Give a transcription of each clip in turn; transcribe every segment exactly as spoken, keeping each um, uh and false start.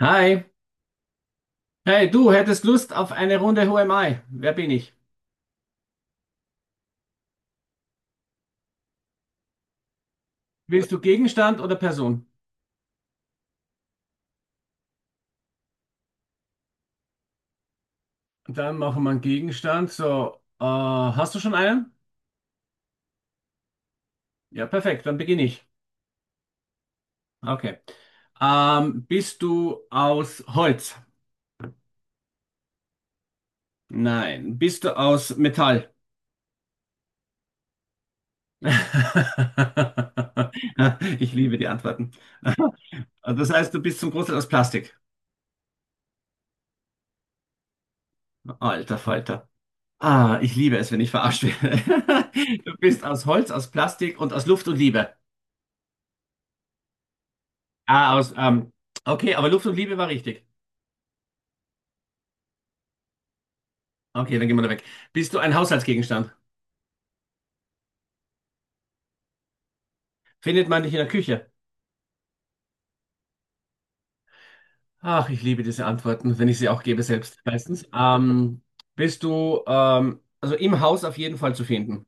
Hi, hey, du hättest Lust auf eine Runde Who am I? Wer bin ich? Willst du Gegenstand oder Person? Dann machen wir einen Gegenstand. So, äh, hast du schon einen? Ja, perfekt, dann beginne ich. Okay. Ähm, bist du aus Holz? Nein. Bist du aus Metall? Ich liebe die Antworten. Also, das heißt, du bist zum Großteil aus Plastik. Alter Falter. Ah, ich liebe es, wenn ich verarscht werde. Du bist aus Holz, aus Plastik und aus Luft und Liebe. Ah, aus. Ähm, okay, aber Luft und Liebe war richtig. Okay, dann gehen wir da weg. Bist du ein Haushaltsgegenstand? Findet man dich in der Küche? Ach, ich liebe diese Antworten, wenn ich sie auch gebe selbst meistens. Ähm, bist du ähm, also im Haus auf jeden Fall zu finden?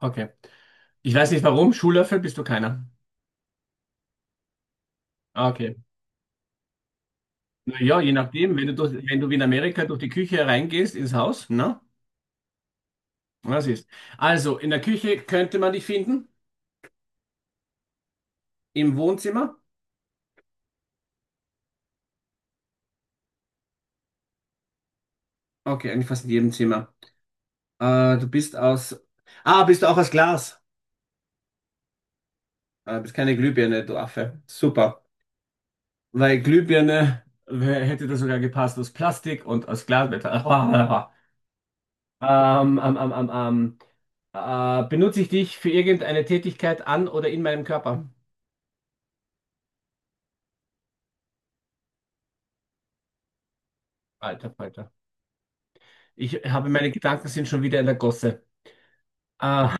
Okay. Ich weiß nicht warum. Schuhlöffel bist du keiner. Ah, okay. Na ja, je nachdem, wenn du durch, wenn du wie in Amerika durch die Küche reingehst ins Haus, ne? Was ist? Also, in der Küche könnte man dich finden, im Wohnzimmer. Okay, eigentlich fast in jedem Zimmer. Äh, du bist aus. Ah, Bist du auch aus Glas? Äh, bist keine Glühbirne, du Affe. Super. Weil Glühbirne wär- hätte das sogar gepasst aus Plastik und aus Glas. Ähm, ähm, ähm, ähm, ähm. Äh, benutze ich dich für irgendeine Tätigkeit an oder in meinem Körper? Alter, Alter. Ich habe meine Gedanken sind schon wieder in der Gosse. Ah,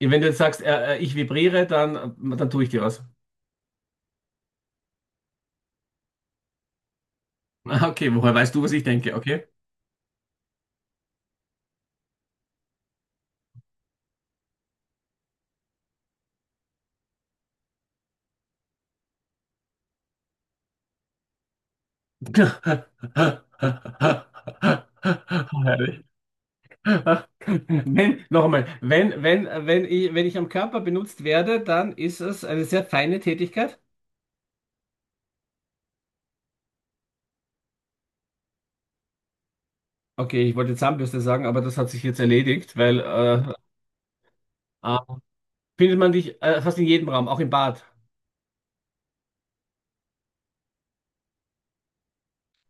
wenn du jetzt sagst, äh, äh, ich vibriere, dann, dann tue ich dir was. Ah, okay, woher weißt du, was ich denke? Okay. Herrlich. Wenn, nochmal, wenn, wenn, wenn ich, wenn ich am Körper benutzt werde, dann ist es eine sehr feine Tätigkeit. Okay, ich wollte Zahnbürste sagen, aber das hat sich jetzt erledigt, weil äh, äh, findet man dich äh, fast in jedem Raum, auch im Bad.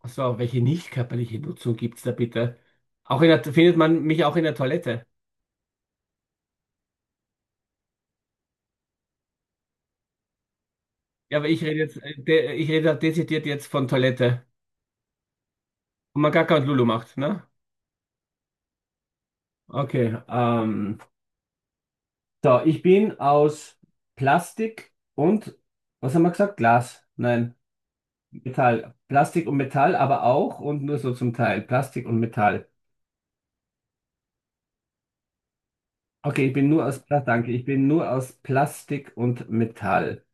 Ach so, welche nicht körperliche Nutzung gibt's da bitte? Auch in der, findet man mich auch in der Toilette. Ja, aber ich rede jetzt, äh, de, ich rede dezidiert jetzt von Toilette. Und man Gaga und Lulu macht, ne? Okay, ähm. So, ich bin aus Plastik und, was haben wir gesagt? Glas. Nein, Metall. Plastik und Metall, aber auch und nur so zum Teil. Plastik und Metall. Okay, ich bin nur aus, Pla- danke, ich bin nur aus Plastik und Metall.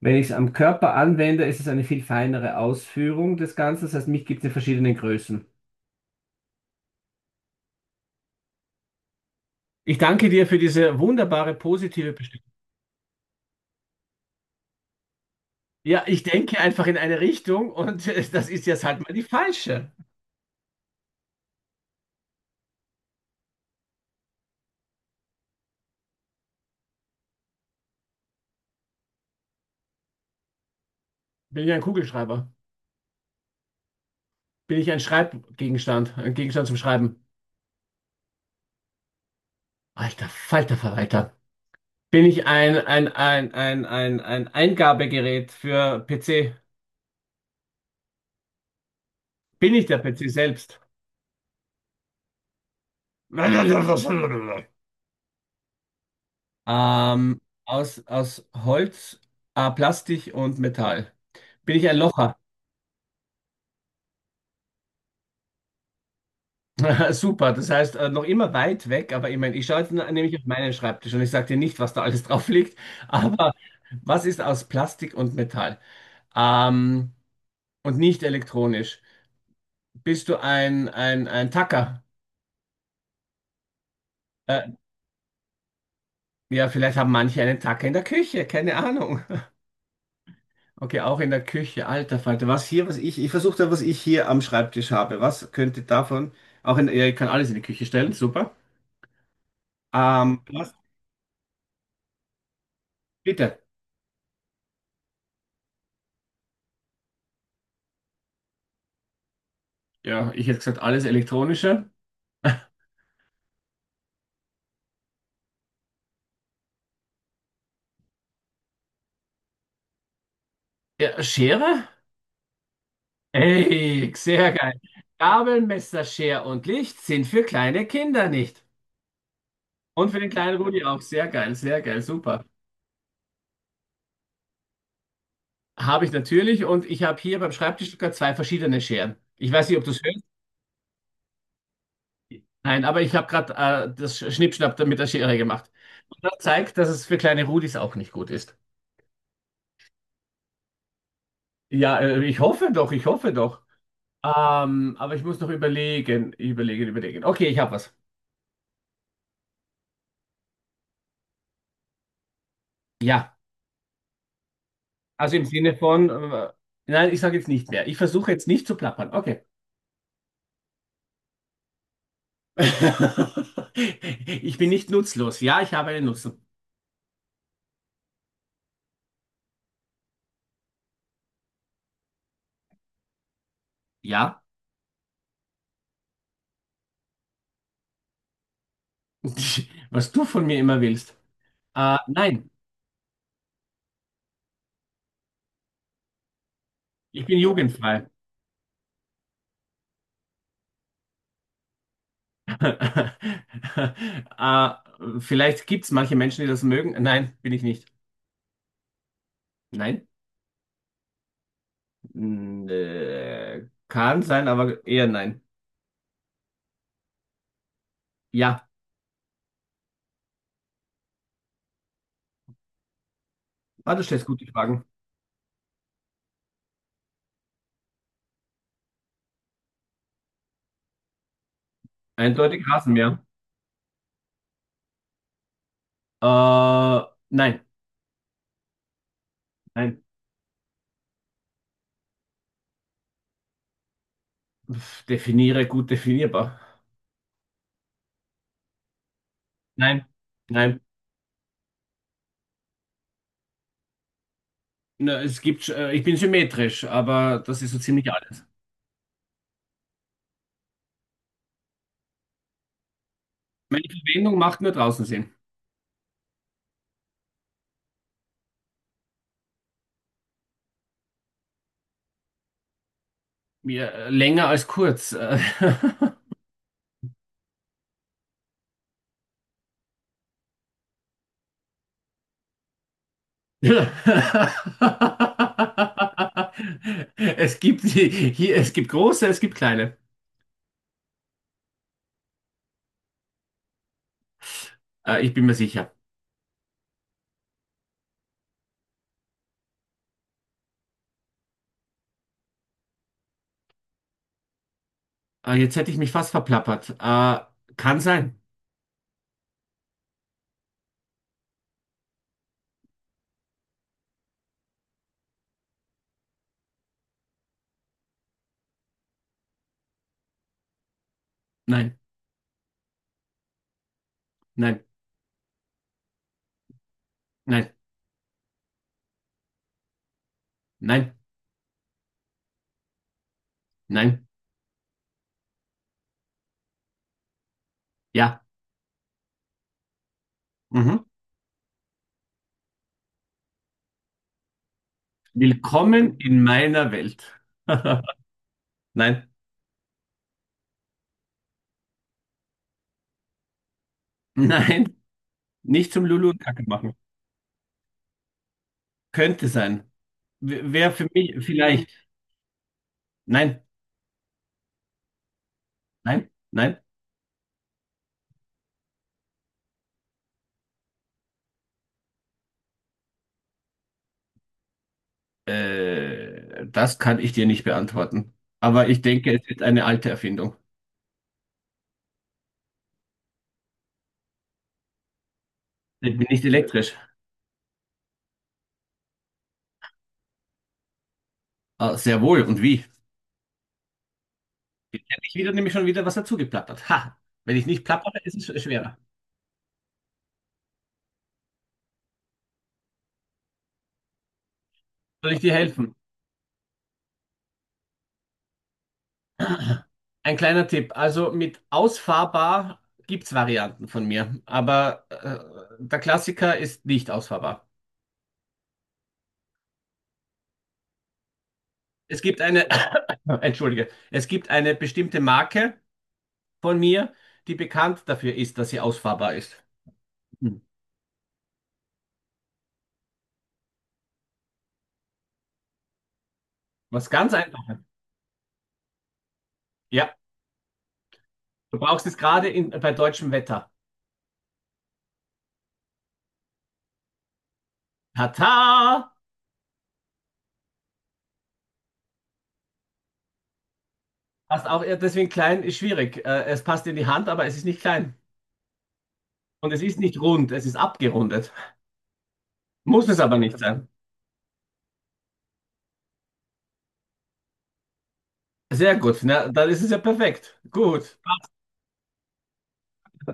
Wenn ich es am Körper anwende, ist es eine viel feinere Ausführung des Ganzen. Das heißt, mich gibt es in verschiedenen Größen. Ich danke dir für diese wunderbare positive Bestimmung. Ja, ich denke einfach in eine Richtung und äh, das ist jetzt halt mal die falsche. Bin ja ein Kugelschreiber. Bin ich ein Schreibgegenstand, ein Gegenstand zum Schreiben? Alter Falter Verwalter. Bin ich ein, ein, ein, ein, ein, ein Eingabegerät für P C? Bin ich der P C selbst? Ähm, aus, aus Holz, äh, Plastik und Metall. Bin ich ein Locher? Super, das heißt, äh, noch immer weit weg, aber ich meine, ich schaue jetzt n- nämlich auf meinen Schreibtisch und ich sage dir nicht, was da alles drauf liegt, aber was ist aus Plastik und Metall? Ähm, und nicht elektronisch. Bist du ein, ein, ein Tacker? Äh, ja, vielleicht haben manche einen Tacker in der Küche, keine Ahnung. Okay, auch in der Küche, alter Falter. Was hier, was ich, ich versuche da, was ich hier am Schreibtisch habe. Was könnte davon, auch in, ja, ich kann alles in die Küche stellen, super. Ähm, was, bitte. Ja, ich hätte gesagt, alles elektronische. Ja, Schere? Ey, sehr geil. Gabel, Messer, Schere und Licht sind für kleine Kinder nicht. Und für den kleinen Rudi auch. Sehr geil, sehr geil, super. Habe ich natürlich und ich habe hier beim Schreibtisch gerade zwei verschiedene Scheren. Ich weiß nicht, ob du es hörst. Nein, aber ich habe gerade äh, das Schnippschnapp da mit der Schere gemacht. Und das zeigt, dass es für kleine Rudis auch nicht gut ist. Ja, äh, ich hoffe doch, ich hoffe doch. Ähm, aber ich muss noch überlegen, überlegen, überlegen. Okay, ich habe was. Ja, also im Sinne von, äh, nein, ich sage jetzt nicht mehr. Ich versuche jetzt nicht zu plappern. Okay. Ich bin nicht nutzlos. Ja, ich habe einen Nutzen. Ja, was du von mir immer willst. Äh, nein. Ich bin jugendfrei. äh, vielleicht gibt es manche Menschen, die das mögen. Nein, bin ich nicht. Nein? Mm, äh, kann sein, aber eher nein. Ja, ah, du stellst gute Fragen. Eindeutig Rasenmäher. Äh, nein, nein. Pff, definiere gut definierbar. Nein, nein. Na, es gibt, äh, ich bin symmetrisch, aber das ist so ziemlich alles. Meine Verwendung macht nur draußen Sinn. Mir, äh, länger als kurz. Äh, Es gibt die- hier, es gibt große, es gibt kleine. Äh, ich bin mir sicher. Äh, jetzt hätte ich mich fast verplappert. Äh, kann sein. Nein, nein, nein, nein, nein. Ja. Mhm. Willkommen in meiner Welt. Nein, nein, nicht zum Lulu und Kacke machen. Könnte sein. Wäre für mich vielleicht. Nein, nein, nein. Äh, das kann ich dir nicht beantworten. Aber ich denke, es ist eine alte Erfindung. Ich bin nicht elektrisch. Ah, sehr wohl. Und wie? Jetzt hätte ich wieder nämlich schon wieder was dazu geplappert. Ha! Wenn ich nicht plappere, ist es schwerer. Soll ich dir helfen? Ein kleiner Tipp. Also mit ausfahrbar gibt es Varianten von mir. Aber äh, der Klassiker ist nicht ausfahrbar. Es gibt eine, entschuldige, es gibt eine bestimmte Marke von mir, die bekannt dafür ist, dass sie ausfahrbar ist. Hm. Was ganz einfach. Ja. Du brauchst es gerade in, bei deutschem Wetter. Tata! Passt auch, ja, deswegen klein ist schwierig. Äh, es passt in die Hand, aber es ist nicht klein. Und es ist nicht rund, es ist abgerundet. Muss es aber nicht sein. Sehr gut, na, dann ist es ja perfekt. Gut.